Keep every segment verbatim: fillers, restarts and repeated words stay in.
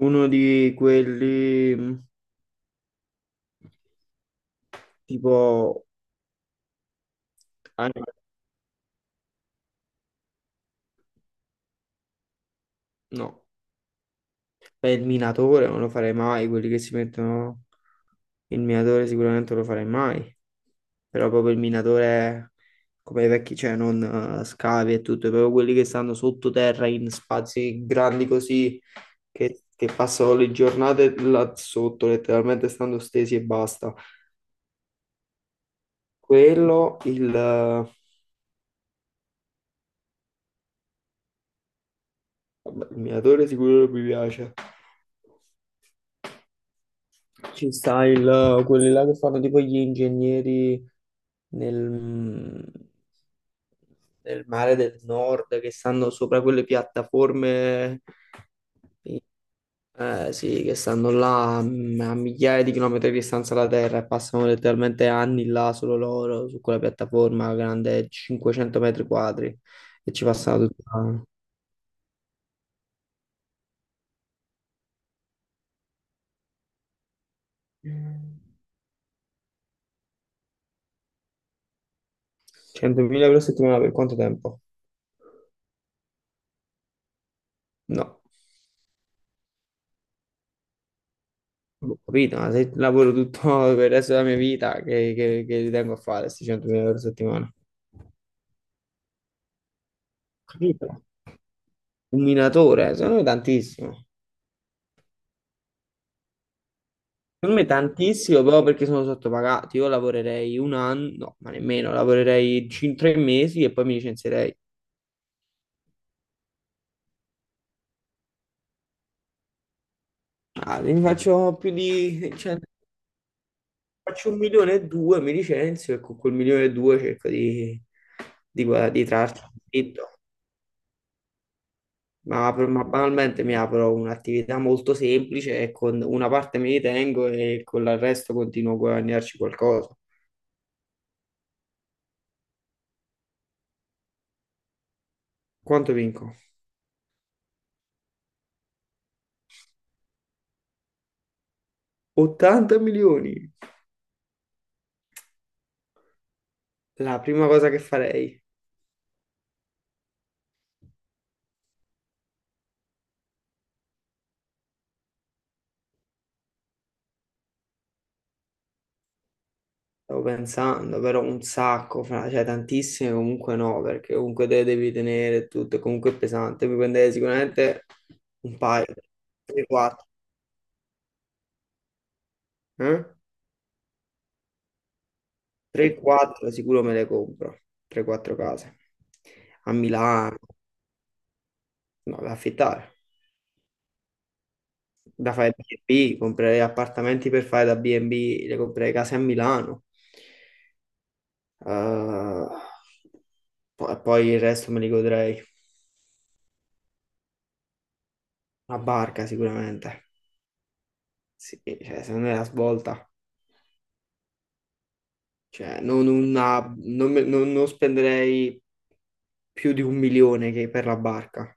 Uno di quelli mh, tipo... ah, no, è il minatore, non lo farei mai. Quelli che si mettono il minatore sicuramente non lo farei mai. Però proprio il minatore come i vecchi, cioè non eh, scavi e tutto, proprio quelli che stanno sottoterra in spazi grandi così, che, che passano le giornate là sotto, letteralmente stando stesi e basta. Quello, il, eh, Vabbè, il minatore sicuro non mi piace. Ci sta il, eh, quelli là che fanno tipo gli ingegneri nel, nel mare del nord, che stanno sopra quelle piattaforme, eh sì, che stanno là mm, a migliaia di chilometri di distanza dalla Terra e passano letteralmente anni là solo loro, su quella piattaforma grande cinquecento metri quadri e ci passano tutta centomila euro a settimana per quanto tempo? No. Boh, capito, ma se lavoro tutto per il resto della mia vita, che, che, che ci tengo a fare questi centomila euro a settimana? Capito? Un minatore, eh, secondo me tantissimo. Secondo me tantissimo, però perché sono sottopagati. Io lavorerei un anno, no, ma nemmeno, lavorerei cin- tre mesi e poi mi licenzierei. Ah, ne faccio più di... cioè, faccio un milione e due, mi licenzio e con quel milione e due cerco di, di, guad- di trarci un profitto. Ma, per- ma banalmente mi apro un'attività molto semplice e con una parte me li tengo e con il resto continuo a guadagnarci qualcosa. Quanto vinco? ottanta milioni! La prima cosa che farei, stavo pensando, però un sacco, fra- cioè tantissime comunque no, perché comunque te le devi tenere tutto, comunque è pesante, mi prenderei sicuramente un paio, tre quattro, eh? tre o quattro sicuro me le compro, tre o quattro case, a Milano, no, da affittare. Da fare B e B, comprerei appartamenti per fare da B e B, le comprerei case a Milano. Eh, po- e poi il resto me li godrei. Una barca sicuramente. Sì, cioè, se non è la svolta. Cioè, non, una- non me- non- non spenderei più di un milione che per la barca.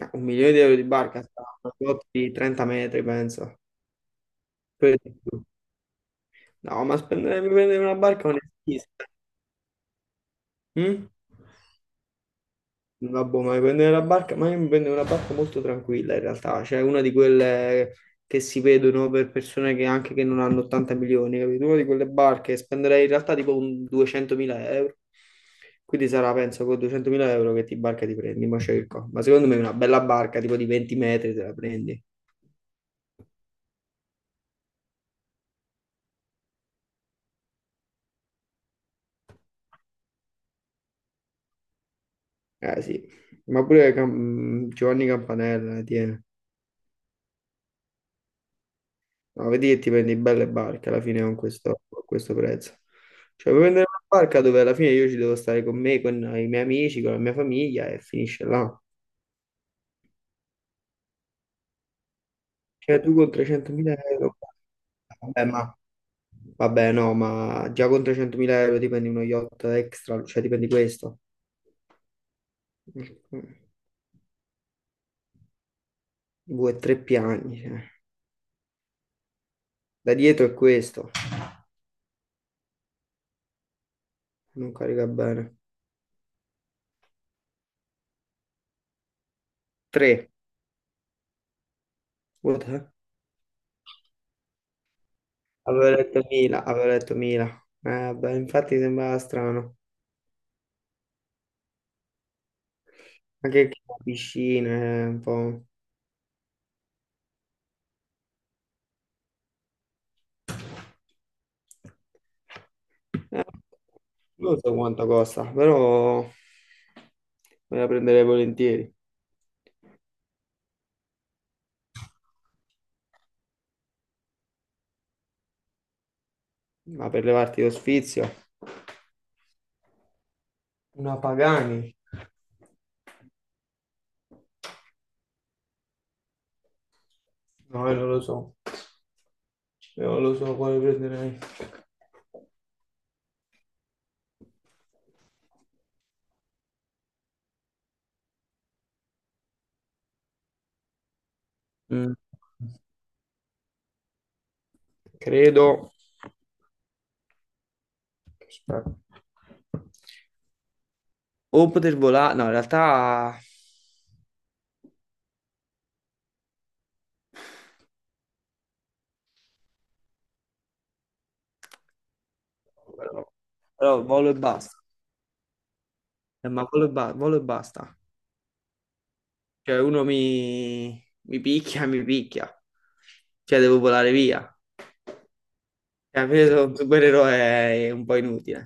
Ma un milione di euro di barca sta a una flotta di trenta metri, penso. Pure di più. No, ma spendere, mi prendere una barca è un'esquisita. Mm? Vabbè, ma mi prendere la barca, ma io mi prendo una barca molto tranquilla in realtà, cioè una di quelle che si vedono per persone che anche che non hanno ottanta milioni, capito? Una di quelle barche spenderei in realtà tipo un duecentomila euro, quindi sarà penso con duecentomila euro che ti barca ti prendi, ma cerco, ma secondo me una bella barca tipo di venti metri te la prendi, eh sì, ma pure Cam- mm, Giovanni Campanella, eh, tieni. No, vedi che ti prendi belle barche alla fine con questo, con questo prezzo. Cioè, puoi prendere una barca dove alla fine io ci devo stare con me, con i miei amici, con la mia famiglia e finisce là. Cioè, tu con trecentomila euro, vabbè, ma, vabbè, no, ma già con trecentomila euro ti prendi uno yacht extra, cioè ti prendi questo. Due, tre piani, cioè. Da dietro è questo, non carica bene. Tre, what the- avevo letto Mila, avevo letto Mila. Eh, vabbè, infatti sembrava strano. Anche che la piscina è un po'... eh, non so quanto costa, però me la prenderei volentieri. Ma per levarti lo sfizio, una Pagani? No, io non lo so. Io non lo so quale prenderei. Mm, Credo... Aspetta. O poter volare... No, in realtà... Però, però volo e basta. Eh, ma quello e, ba- quello e basta. Cioè, uno mi, mi picchia, mi picchia. Cioè, devo volare via. Cioè, alla fine sono un supereroe è un po' inutile.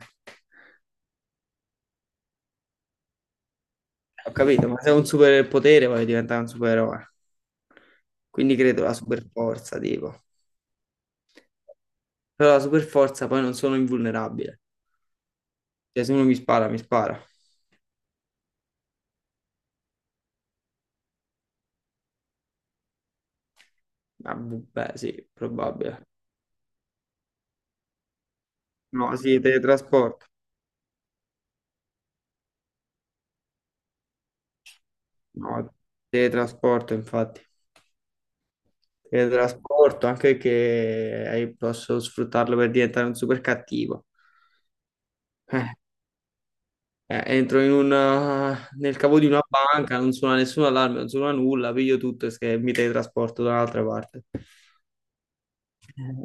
Ho capito, ma se ho un superpotere voglio diventare un supereroe. Quindi credo la superforza, tipo. Però la superforza poi non sono invulnerabile. Cioè, se uno mi spara, mi spara. Ah, bu- beh, sì, probabile. No, sì, teletrasporto. No, teletrasporto, infatti. E trasporto, anche che eh, posso sfruttarlo per diventare un super cattivo. Eh, eh, Entro in un, eh, nel cavo di una banca, non suona nessun allarme, non suona nulla, piglio tutto e se- mi teletrasporto da un'altra parte. Eh,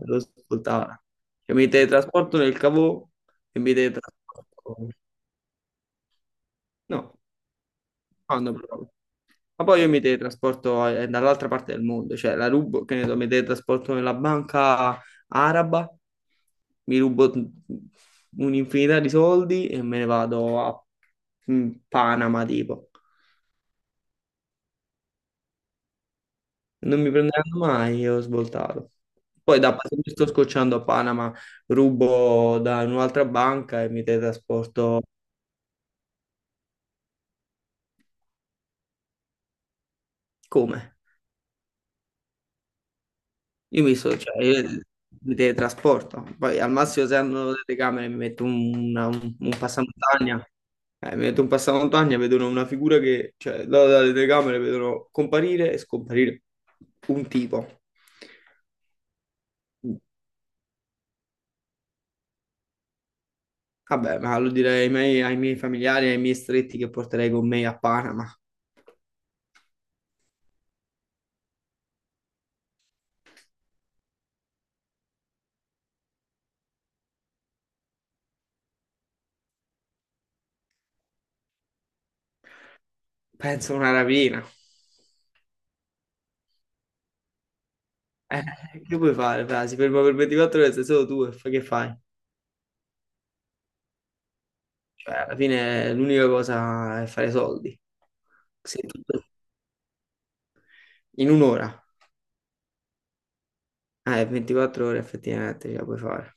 Lo ascoltava. Cioè, mi teletrasporto nel cavo e mi teletrasporto. No. Quando provo. Ma poi io mi teletrasporto eh, dall'altra parte del mondo, cioè la rubo, che ne so, mi teletrasporto nella banca araba, mi rubo t- un'infinità di soldi e me ne vado a mm, Panama, tipo. Non mi prenderanno mai e ho svoltato. Poi da se mi sto scocciando a Panama, rubo da un'altra banca e mi teletrasporto come? Io mi so, cioè, io mi teletrasporto. Poi al massimo se hanno le telecamere mi metto un, una- un- un passamontagna. Eh, mi metto un passamontagna, vedono una figura che, cioè, da- dalle telecamere vedono comparire e scomparire un tipo. Vabbè, ma lo direi ai miei, ai miei familiari, ai miei stretti che porterei con me a Panama. Penso a una rapina. Eh, che puoi fare? Fra? Si ferma per ventiquattro ore, sei solo tu e fa- che fai? Cioè, alla fine l'unica cosa è fare soldi. Se tu- In un'ora? Eh, ventiquattro ore effettivamente ce la puoi fare.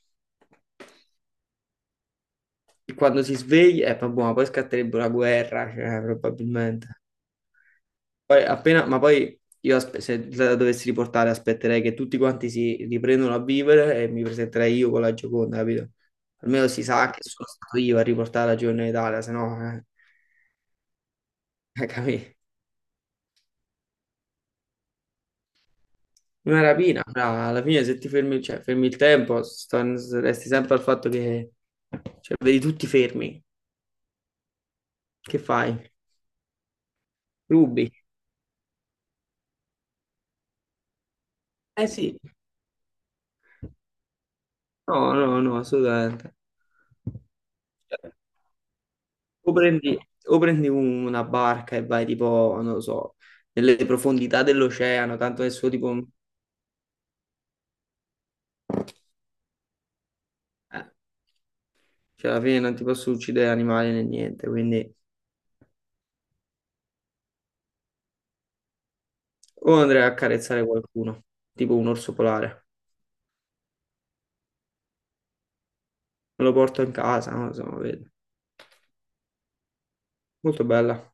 E quando si sveglia, eh, vabbè, ma poi scatterebbe una guerra, cioè, probabilmente. Poi appena, ma poi io aspe- se la dovessi riportare aspetterei che tutti quanti si riprendano a vivere e mi presenterei io con la Gioconda, capito? Almeno si sa che sono stato io a riportare la Gioconda in Italia, se no, eh, eh, capì? Una rapina, bra, alla fine se ti fermi, cioè, fermi il tempo, sto- resti sempre al fatto che, cioè, vedi tutti fermi, che fai? Rubi. Eh sì, no, no, no, assolutamente. O prendi, o prendi un- una barca e vai tipo, non lo so, nelle profondità dell'oceano, tanto adesso tipo, eh, cioè alla fine non ti posso uccidere animali né niente, quindi o andrei a accarezzare qualcuno, tipo un orso polare, me lo porto in casa, non lo so, vedo. Molto bella.